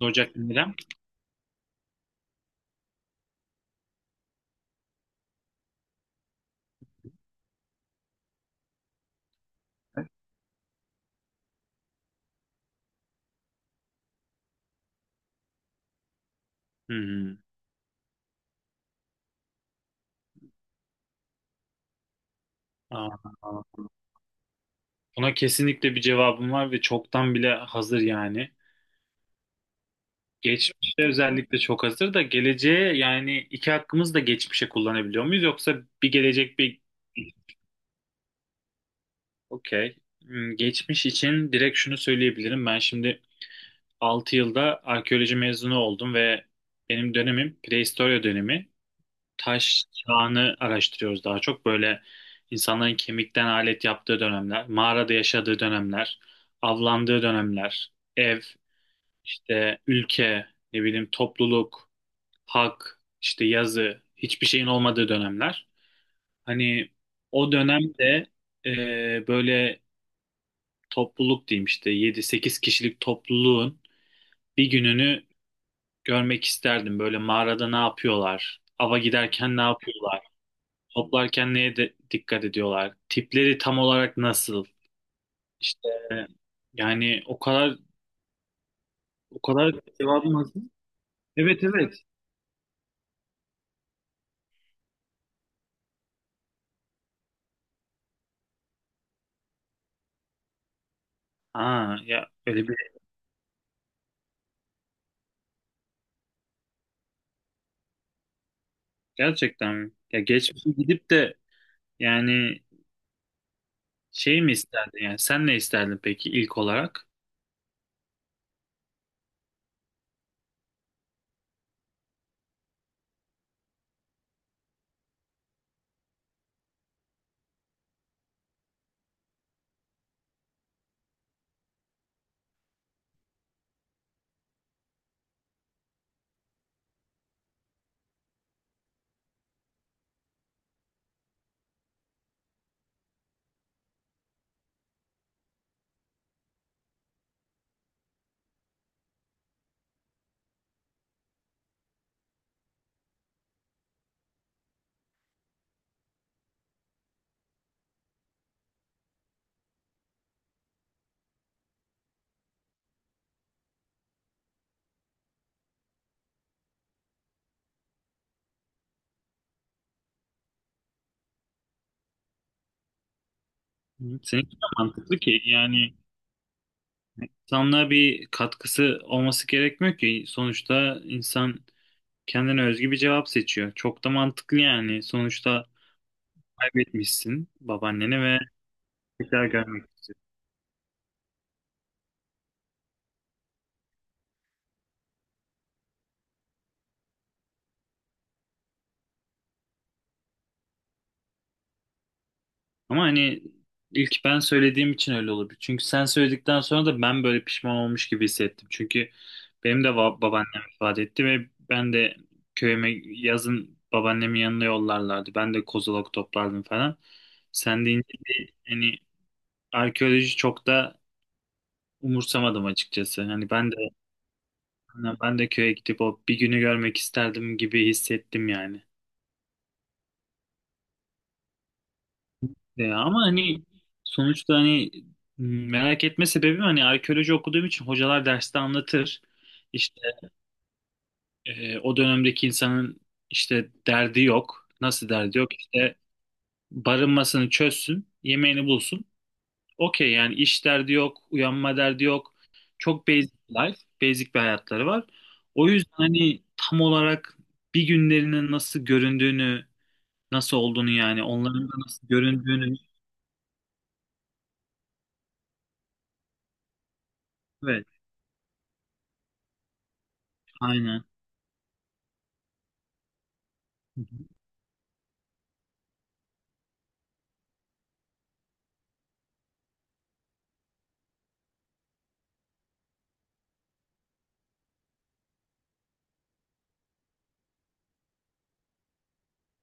Ocak neden? Hmm. Aa, buna kesinlikle bir cevabım var ve çoktan bile hazır yani. Geçmişte özellikle çok hazır da geleceğe yani iki hakkımızı da geçmişe kullanabiliyor muyuz? Yoksa bir gelecek bir... Okey. Hmm, geçmiş için direkt şunu söyleyebilirim. Ben şimdi 6 yılda arkeoloji mezunu oldum ve benim dönemim prehistorya dönemi. Taş çağını araştırıyoruz daha çok. Böyle insanların kemikten alet yaptığı dönemler, mağarada yaşadığı dönemler, avlandığı dönemler, ev, işte ülke, ne bileyim topluluk, hak, işte yazı, hiçbir şeyin olmadığı dönemler. Hani o dönemde böyle topluluk diyeyim işte yedi sekiz kişilik topluluğun bir gününü görmek isterdim. Böyle mağarada ne yapıyorlar, ava giderken ne yapıyorlar. Toplarken neye de dikkat ediyorlar? Tipleri tam olarak nasıl? İşte yani o kadar o kadar cevabım hazır. Evet, evet. Aa ya öyle bir gerçekten mi? Ya geçmişe gidip de yani şey mi isterdin yani sen ne isterdin peki ilk olarak? Hı. Seninki de mantıklı ki yani insanlığa bir katkısı olması gerekmiyor ki. Sonuçta insan kendine özgü bir cevap seçiyor. Çok da mantıklı yani. Sonuçta kaybetmişsin babaanneni ve tekrar görmek istiyorum. Ama hani ilk ben söylediğim için öyle olabilir. Çünkü sen söyledikten sonra da ben böyle pişman olmuş gibi hissettim. Çünkü benim de babaannem ifade etti ve ben de köyüme yazın babaannemin yanına yollarlardı. Ben de kozalak toplardım falan. Sen deyince bir hani arkeoloji çok da umursamadım açıkçası. Hani ben de köye gidip o bir günü görmek isterdim gibi hissettim yani. Ama hani sonuçta hani merak etme sebebim hani arkeoloji okuduğum için hocalar derste anlatır. İşte o dönemdeki insanın işte derdi yok. Nasıl derdi yok? İşte barınmasını çözsün, yemeğini bulsun. Okey yani iş derdi yok, uyanma derdi yok. Çok basic life, basic bir hayatları var. O yüzden hani tam olarak bir günlerinin nasıl göründüğünü, nasıl olduğunu yani onların da nasıl göründüğünü. Evet, aynen.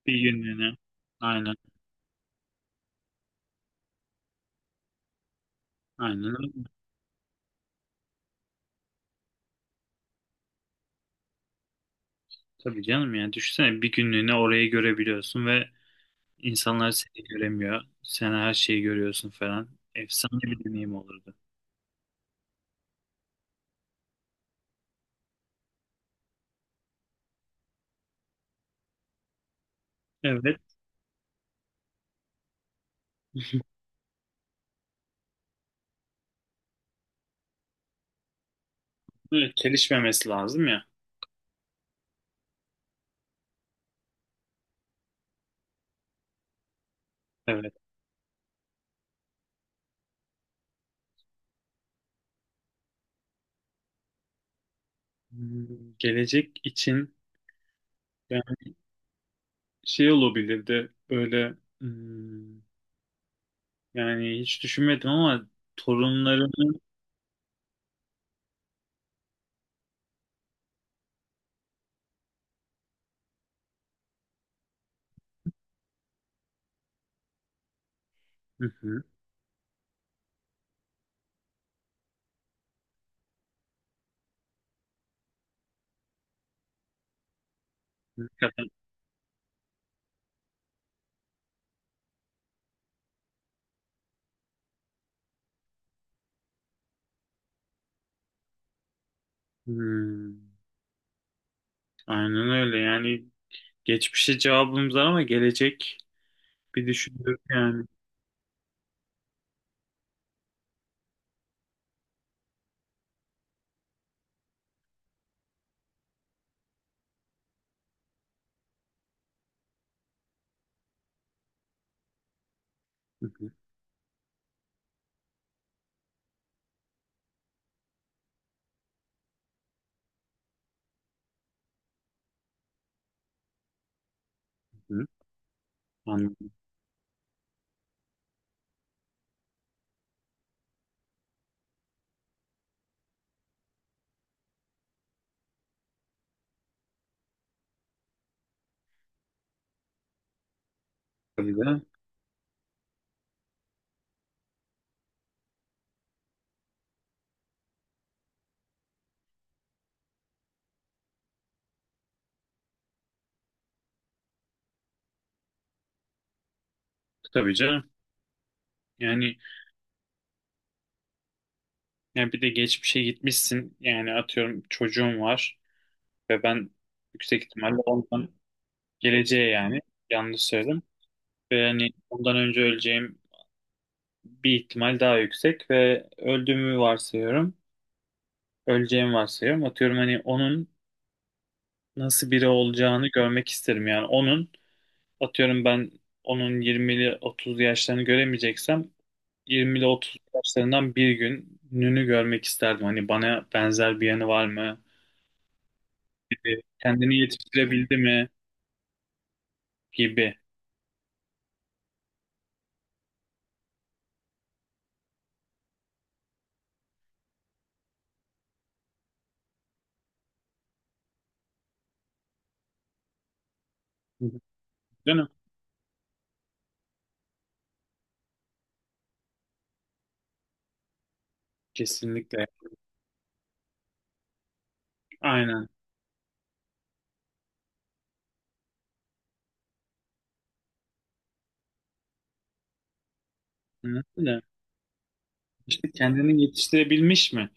Bir günlüğüne. Aynen. Aynen. Tabii canım yani düşünsene bir günlüğüne orayı görebiliyorsun ve insanlar seni göremiyor. Sen her şeyi görüyorsun falan. Efsane bir deneyim olurdu. Evet. Evet. Çelişmemesi lazım ya. Evet. Hmm, gelecek için yani şey olabilirdi böyle, hmm, yani hiç düşünmedim ama torunlarını. Hı hı. Hakikaten. Hmm, aynen öyle yani geçmişe cevabımız var ama gelecek bir düşünüyorum yani. Hı hı hı. Anladım. Tabii de. Tabii canım. Yani, yani, bir de geçmişe gitmişsin. Yani atıyorum çocuğum var ve ben yüksek ihtimalle ondan geleceğe yani yanlış söyledim. Ve yani ondan önce öleceğim bir ihtimal daha yüksek ve öldüğümü varsayıyorum. Öleceğimi varsayıyorum. Atıyorum hani onun nasıl biri olacağını görmek isterim. Yani onun atıyorum ben onun 20'li 30'lu yaşlarını göremeyeceksem 20 ile 30 yaşlarından bir gününü görmek isterdim. Hani bana benzer bir yanı var mı gibi. Kendini yetiştirebildi mi gibi. Değil mi? Kesinlikle. Aynen. Anladın mı? İşte kendini yetiştirebilmiş mi?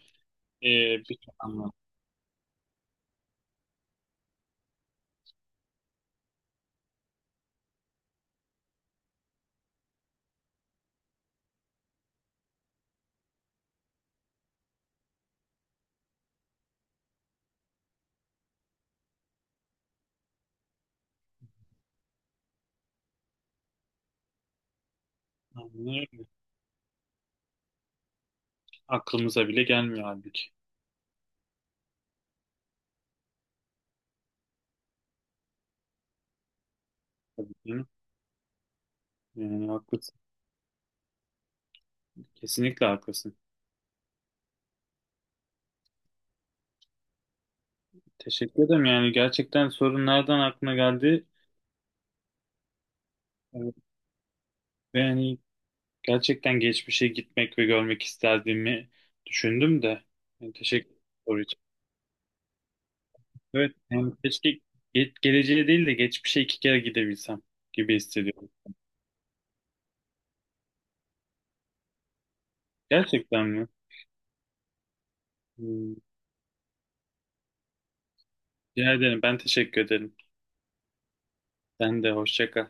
Ee, bir anlamda. Aynen öyle. Aklımıza bile gelmiyor halbuki. Tabii canım. Yani haklısın. Kesinlikle haklısın. Teşekkür ederim. Yani gerçekten sorun nereden aklına geldi? Evet. Ve yani gerçekten geçmişe gitmek ve görmek isterdiğimi düşündüm de. Yani teşekkür ederim soru için. Evet, yani keşke geleceğe değil de geçmişe iki kere gidebilsem gibi hissediyorum. Gerçekten mi? Hmm, Rica ederim. Ben teşekkür ederim. Sen de hoşça kal.